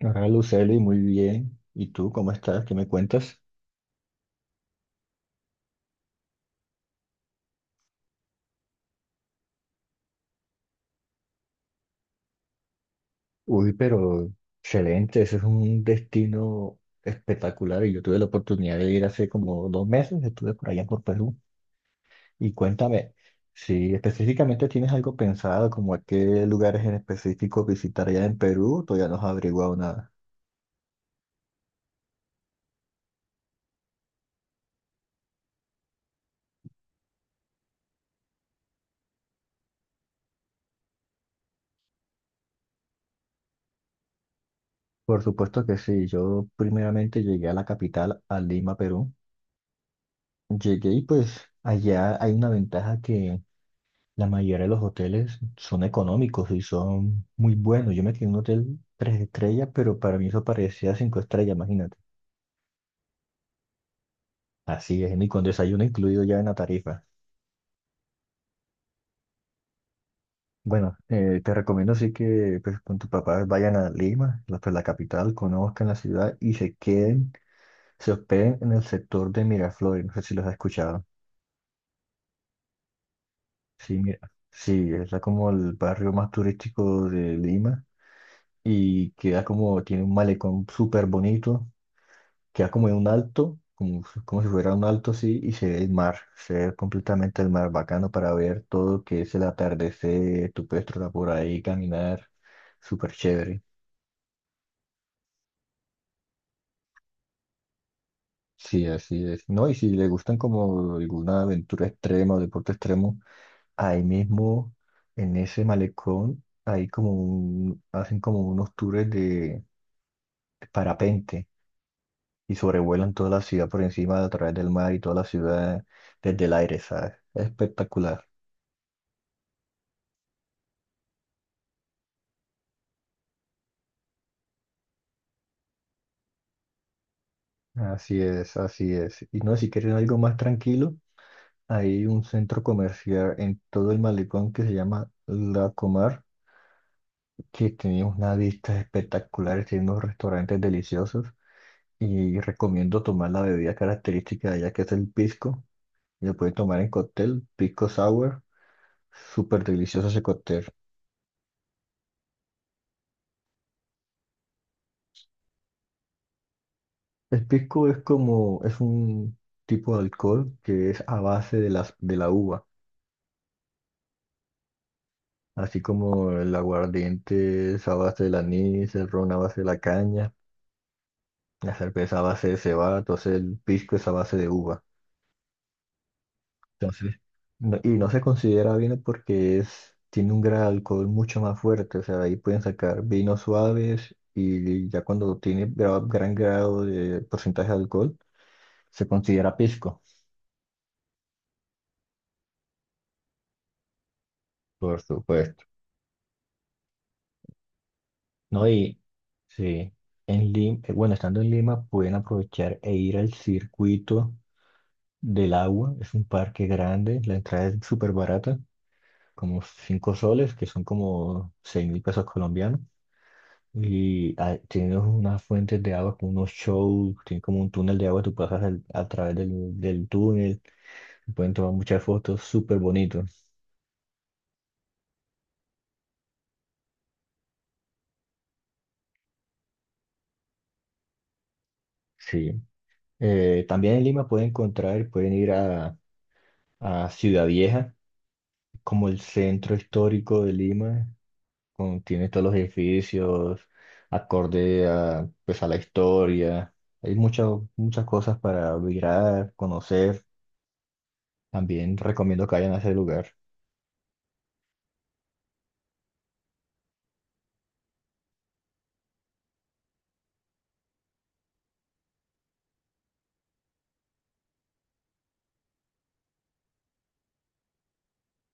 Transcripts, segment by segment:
Hola Luceli, muy bien. ¿Y tú cómo estás? ¿Qué me cuentas? Uy, pero excelente, ese es un destino espectacular y yo tuve la oportunidad de ir hace como 2 meses, estuve por allá por Perú. Y cuéntame, si específicamente tienes algo pensado, como a qué lugares en específico visitar allá en Perú, todavía no has averiguado nada. Por supuesto que sí, yo primeramente llegué a la capital, a Lima, Perú. Llegué y pues allá hay una ventaja que la mayoría de los hoteles son económicos y son muy buenos. Yo me quedé en un hotel 3 estrellas, pero para mí eso parecía 5 estrellas, imagínate. Así es, ni con desayuno incluido ya en la tarifa. Bueno, te recomiendo sí que pues, con tus papás vayan a Lima, pues, la capital, conozcan la ciudad y se queden, se hospeden en el sector de Miraflores. No sé si los has escuchado. Sí, mira, sí, como el barrio más turístico de Lima y queda como, tiene un malecón súper bonito, queda como en un alto, como si fuera un alto así, y se ve el mar, se ve completamente el mar, bacano para ver todo lo que es el atardecer, tu puedes trotar por ahí, caminar, súper chévere. Sí, así es. No, y si le gustan como alguna aventura extrema o deporte extremo, ahí mismo, en ese malecón, hacen como unos tours de parapente y sobrevuelan toda la ciudad por encima a través del mar y toda la ciudad desde el aire, ¿sabes? Es espectacular. Así es, así es. Y no, si quieren algo más tranquilo, hay un centro comercial en todo el malecón que se llama La Comar, que tiene unas vistas espectaculares, tiene unos restaurantes deliciosos y recomiendo tomar la bebida característica de allá que es el pisco. Lo pueden tomar en cóctel, pisco sour, súper delicioso ese cóctel. El pisco es como, es un tipo de alcohol que es a base de de la uva. Así como el aguardiente es a base del anís, el ron a base de la caña, la cerveza a base de cebada, entonces el pisco es a base de uva. Entonces, no se considera vino porque es, tiene un grado de alcohol mucho más fuerte, o sea, de ahí pueden sacar vinos suaves y ya cuando tiene gran grado de porcentaje de alcohol, se considera pisco. Por supuesto. No, y sí, en Lima, bueno, estando en Lima pueden aprovechar e ir al circuito del agua. Es un parque grande, la entrada es súper barata, como 5 soles, que son como 6.000 pesos colombianos. Y tiene unas fuentes de agua, con unos shows, tiene como un túnel de agua, tú pasas a través del túnel, pueden tomar muchas fotos, súper bonito. Sí. También en Lima pueden encontrar, pueden ir a Ciudad Vieja, como el centro histórico de Lima, tiene todos los edificios, acorde a, pues, a la historia. Hay muchas, muchas cosas para mirar, conocer. También recomiendo que vayan a ese lugar.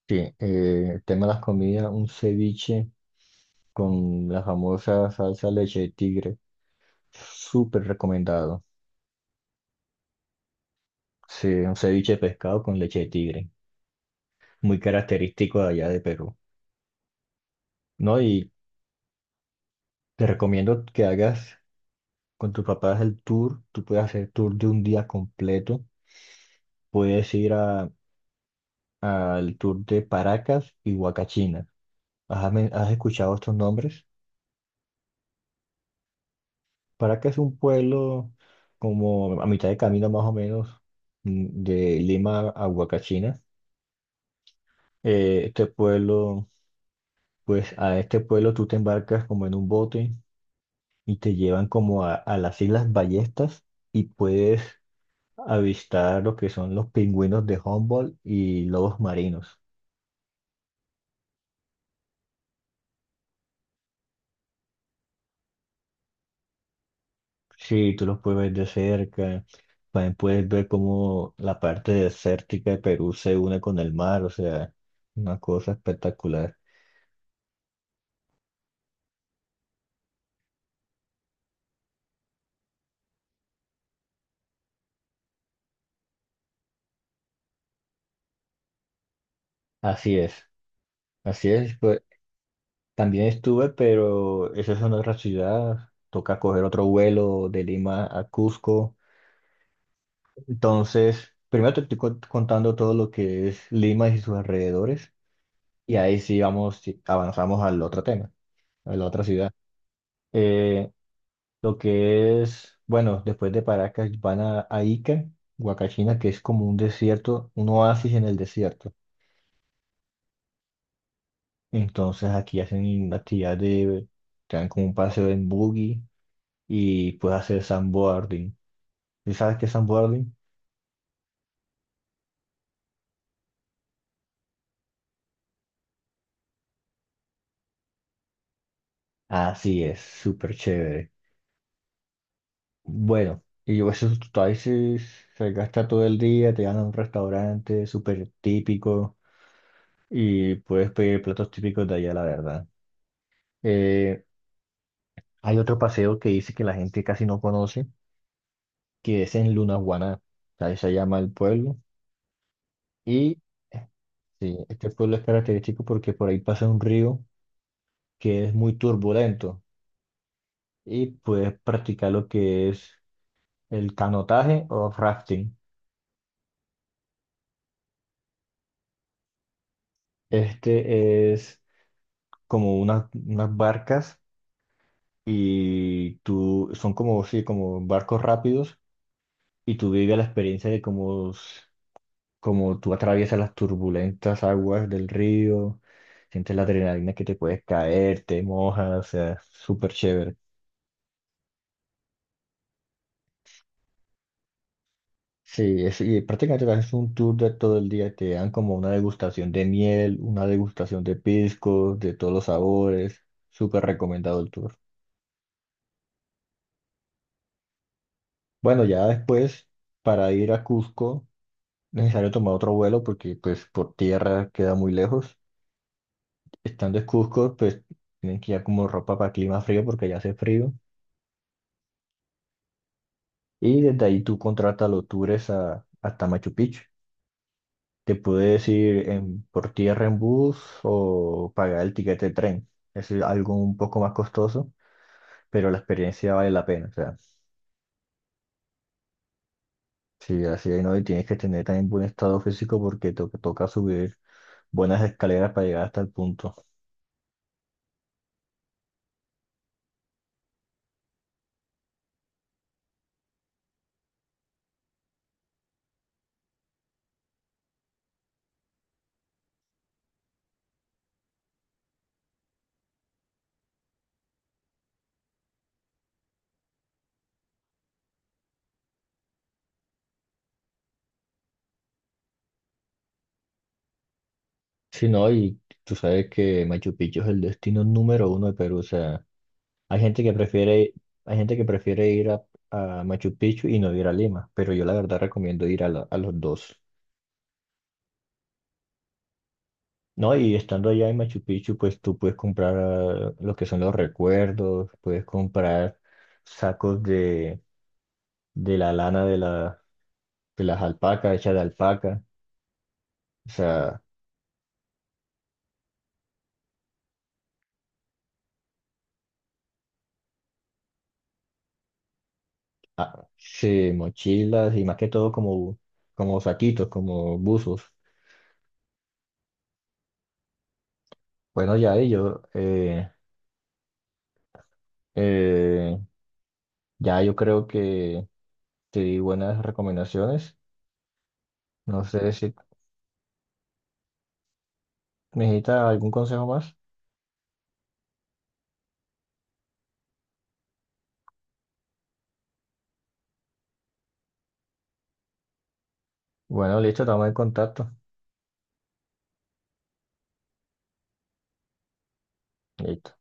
Sí, el tema de las comidas, un ceviche con la famosa salsa leche de tigre. Súper recomendado. Sí, un ceviche de pescado con leche de tigre. Muy característico de allá de Perú. No, y te recomiendo que hagas con tus papás el tour. Tú puedes hacer tour de un día completo. Puedes ir al tour de Paracas y Huacachina. ¿Has escuchado estos nombres? Paracas es un pueblo como a mitad de camino más o menos, de Lima a Huacachina. Este pueblo, pues a este pueblo tú te embarcas como en un bote y te llevan como a las Islas Ballestas y puedes avistar lo que son los pingüinos de Humboldt y lobos marinos. Sí, tú los puedes ver de cerca, también puedes ver cómo la parte desértica de Perú se une con el mar, o sea, una cosa espectacular. Así es, así es, pues también estuve, pero esa es una otra ciudad, toca coger otro vuelo de Lima a Cusco. Entonces, primero te estoy contando todo lo que es Lima y sus alrededores, y ahí sí vamos, sí, avanzamos al otro tema, a la otra ciudad. Eh, Lo que es, bueno, después de Paracas van a Ica, Huacachina, que es como un desierto, un oasis en el desierto. Entonces aquí hacen la actividad de, te dan como un paseo en buggy y puedes hacer sandboarding. ¿Y sabes qué es sandboarding? Así es, súper chévere. Bueno, y yo eso tú ahí se gasta todo el día, te van a un restaurante súper típico y puedes pedir platos típicos de allá, la verdad. Eh, Hay otro paseo que dice que la gente casi no conoce, que es en Lunahuaná. Ahí se llama el pueblo. Y eh, sí, este pueblo es característico porque por ahí pasa un río que es muy turbulento y puedes practicar lo que es el canotaje o rafting. Este es como unas, unas barcas y tú, son como, sí, como barcos rápidos y tú vives la experiencia de como, como tú atraviesas las turbulentas aguas del río, sientes la adrenalina que te puedes caer, te mojas, o sea, súper chévere. Sí, es, y prácticamente te haces un tour de todo el día, te dan como una degustación de miel, una degustación de piscos, de todos los sabores, súper recomendado el tour. Bueno, ya después, para ir a Cusco, necesario tomar otro vuelo porque pues por tierra queda muy lejos. Estando en Cusco, pues tienen que ir como ropa para clima frío porque ya hace frío. Y desde ahí tú contratas los tours hasta Machu Picchu. Te puedes ir en, por tierra en bus o pagar el tiquete de tren. Es algo un poco más costoso, pero la experiencia vale la pena. O sea, sí, así hay no, y tienes que tener también buen estado físico porque toca subir buenas escaleras para llegar hasta el punto. Sí, no, y tú sabes que Machu Picchu es el destino número 1 de Perú. O sea, Hay gente que prefiere, hay gente que prefiere ir a Machu Picchu y no ir a Lima, pero yo la verdad recomiendo ir a los dos. No, y estando allá en Machu Picchu, pues tú puedes comprar lo que son los recuerdos, puedes comprar sacos de la lana de las alpacas, hechas de alpaca, o sea, ah, sí, mochilas y más que todo como, como saquitos, como buzos. Bueno, ya ello, eh, ya yo creo que te di buenas recomendaciones. No sé si necesita algún consejo más. Bueno, listo, estamos en contacto. Listo.